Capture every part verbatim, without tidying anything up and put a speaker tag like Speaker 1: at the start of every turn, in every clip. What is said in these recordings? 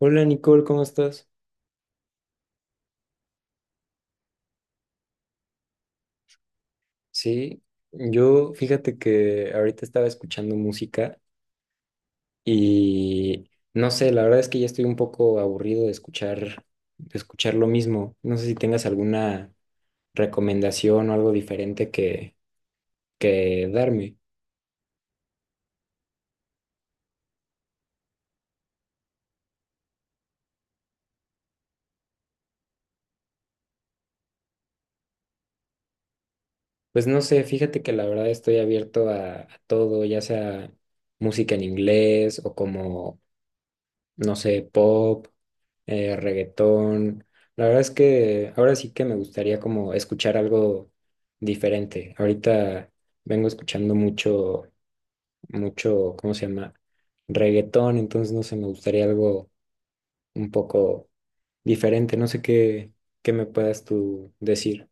Speaker 1: Hola Nicole, ¿cómo estás? Sí, yo fíjate que ahorita estaba escuchando música y no sé, la verdad es que ya estoy un poco aburrido de escuchar, de escuchar lo mismo. No sé si tengas alguna recomendación o algo diferente que, que darme. Pues no sé, fíjate que la verdad estoy abierto a, a todo, ya sea música en inglés o como no sé, pop, eh, reggaetón. La verdad es que ahora sí que me gustaría como escuchar algo diferente. Ahorita vengo escuchando mucho, mucho, ¿cómo se llama? Reggaetón, entonces no sé, me gustaría algo un poco diferente. No sé qué, qué me puedas tú decir.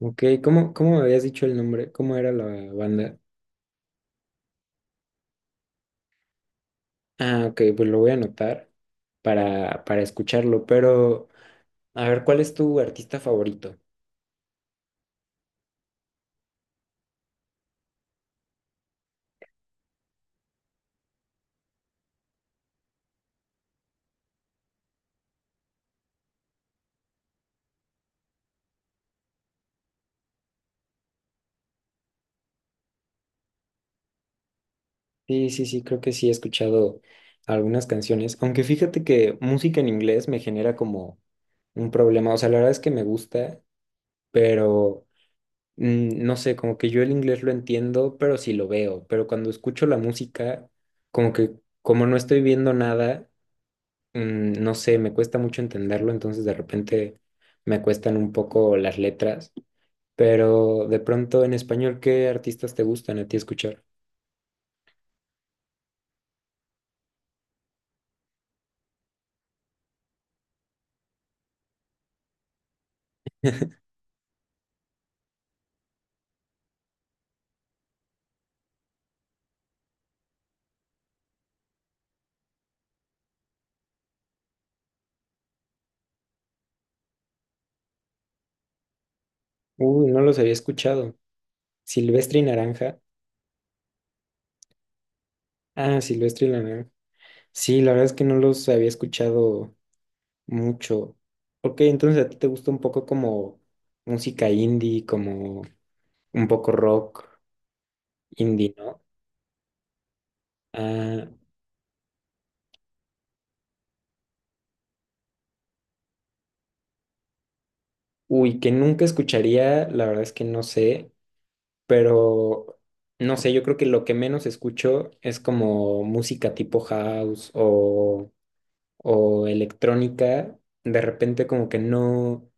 Speaker 1: Ok, ¿cómo, cómo me habías dicho el nombre? ¿Cómo era la banda? Ah, ok, pues lo voy a anotar para, para escucharlo, pero a ver, ¿cuál es tu artista favorito? Sí, sí, sí, creo que sí he escuchado algunas canciones, aunque fíjate que música en inglés me genera como un problema, o sea, la verdad es que me gusta, pero mm, no sé, como que yo el inglés lo entiendo, pero sí lo veo, pero cuando escucho la música, como que como no estoy viendo nada, mm, no sé, me cuesta mucho entenderlo, entonces de repente me cuestan un poco las letras, pero de pronto en español, ¿qué artistas te gustan a ti escuchar? Uy, no los había escuchado. Silvestre y Naranja. Ah, Silvestre y la Nave. Sí, la verdad es que no los había escuchado mucho. Ok, entonces a ti te gusta un poco como música indie, como un poco rock indie, ¿no? Ah, uy, ¿Que nunca escucharía? La verdad es que no sé, pero no sé, yo creo que lo que menos escucho es como música tipo house o o electrónica, de repente como que no,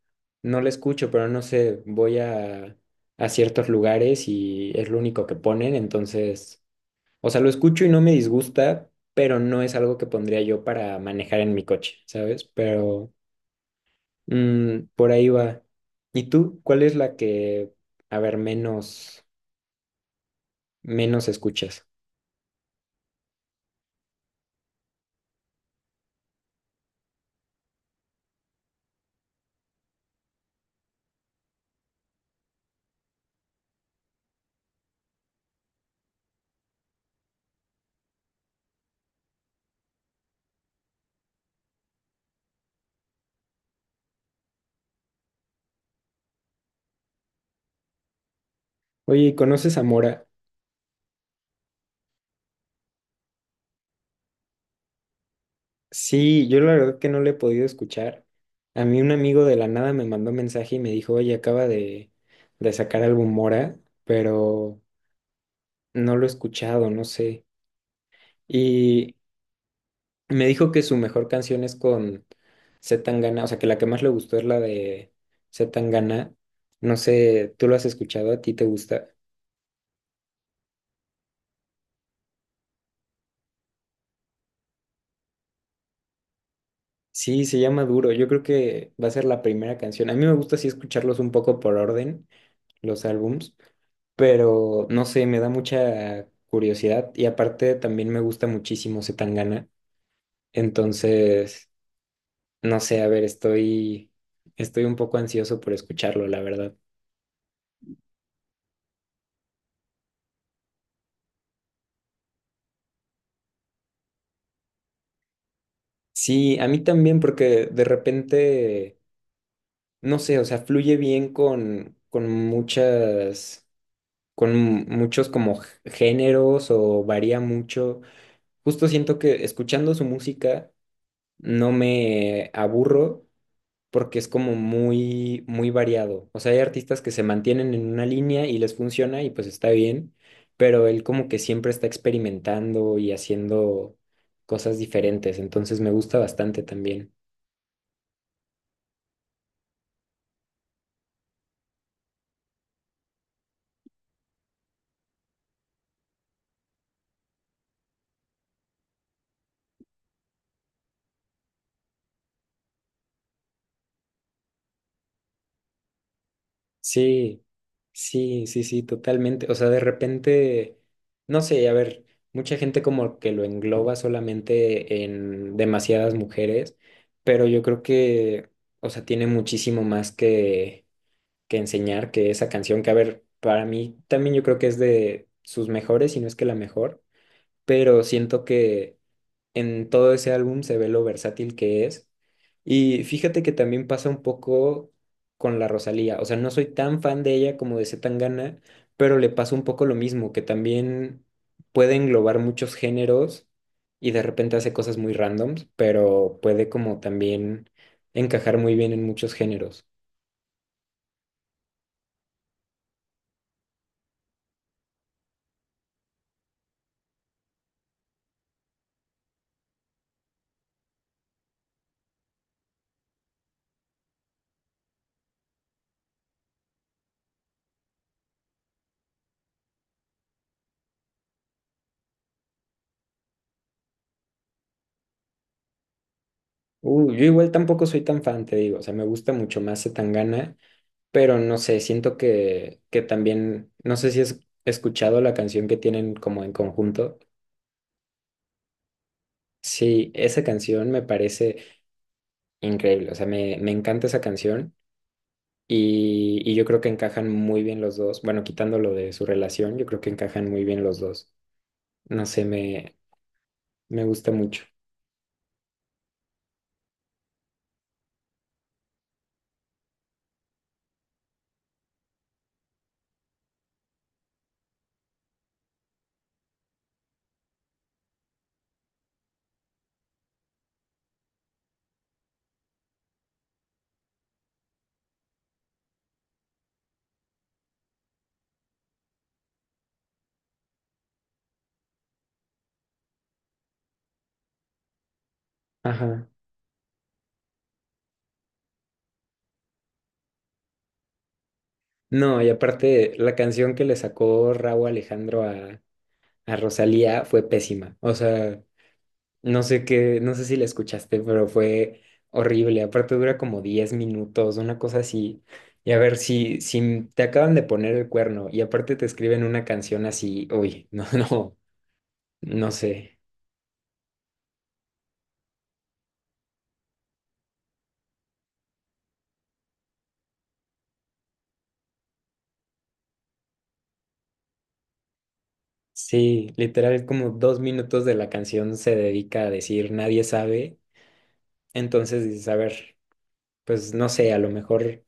Speaker 1: no la escucho, pero no sé, voy a, a ciertos lugares y es lo único que ponen, entonces, o sea, lo escucho y no me disgusta, pero no es algo que pondría yo para manejar en mi coche, ¿sabes? Pero mm, por ahí va. ¿Y tú, cuál es la que, a ver, menos, menos escuchas? Oye, ¿y ¿conoces a Mora? Sí, yo la verdad que no le he podido escuchar. A mí un amigo de la nada me mandó un mensaje y me dijo, oye, acaba de, de sacar álbum Mora, pero no lo he escuchado, no sé. Y me dijo que su mejor canción es con C. Tangana, o sea, que la que más le gustó es la de C. Tangana. No sé, ¿tú lo has escuchado? ¿A ti te gusta? Sí, se llama Duro. Yo creo que va a ser la primera canción. A mí me gusta así escucharlos un poco por orden, los álbums. Pero no sé, me da mucha curiosidad y aparte también me gusta muchísimo Zetangana. Entonces, no sé, a ver, estoy, estoy un poco ansioso por escucharlo, la verdad. Sí, a mí también porque de repente, no sé, o sea, fluye bien con, con muchas, con muchos como géneros o varía mucho. Justo siento que escuchando su música no me aburro porque es como muy, muy variado. O sea, hay artistas que se mantienen en una línea y les funciona y pues está bien, pero él como que siempre está experimentando y haciendo cosas diferentes, entonces me gusta bastante también. Sí, sí, sí, sí, totalmente. O sea, de repente, no sé, a ver, mucha gente como que lo engloba solamente en demasiadas mujeres, pero yo creo que, o sea, tiene muchísimo más que que enseñar que esa canción, que a ver, para mí también yo creo que es de sus mejores, si no es que la mejor, pero siento que en todo ese álbum se ve lo versátil que es. Y fíjate que también pasa un poco con la Rosalía, o sea, no soy tan fan de ella como de Zetangana, pero le pasa un poco lo mismo, que también puede englobar muchos géneros y de repente hace cosas muy randoms, pero puede como también encajar muy bien en muchos géneros. Uh, yo igual tampoco soy tan fan, te digo, o sea, me gusta mucho más Zetangana, pero no sé, siento que, que también, no sé si has escuchado la canción que tienen como en conjunto. Sí, esa canción me parece increíble, o sea, me, me encanta esa canción y, y yo creo que encajan muy bien los dos, bueno, quitando lo de su relación, yo creo que encajan muy bien los dos. No sé, me, me gusta mucho. Ajá. No, y aparte, la canción que le sacó Rauw Alejandro a a Rosalía fue pésima. O sea, no sé qué, no sé si la escuchaste, pero fue horrible. Aparte dura como diez minutos, una cosa así. Y a ver, si, si te acaban de poner el cuerno y aparte te escriben una canción así, uy, no, no, no sé. Sí, literal como dos minutos de la canción se dedica a decir nadie sabe. Entonces dices, a ver, pues no sé, a lo mejor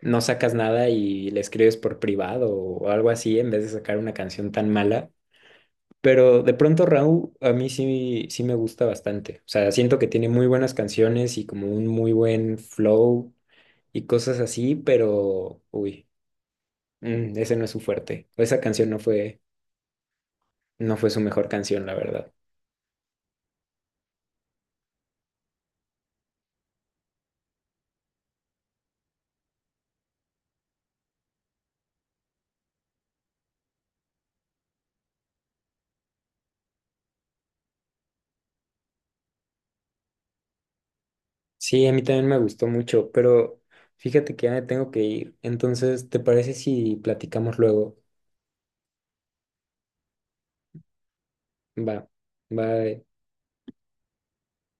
Speaker 1: no sacas nada y le escribes por privado o algo así en vez de sacar una canción tan mala. Pero de pronto Raúl a mí sí, sí me gusta bastante. O sea, siento que tiene muy buenas canciones y como un muy buen flow y cosas así, pero uy, mm, ese no es su fuerte. Esa canción no fue, no fue su mejor canción, la verdad. Sí, a mí también me gustó mucho, pero fíjate que ya me tengo que ir. Entonces, ¿te parece si platicamos luego? Va, va,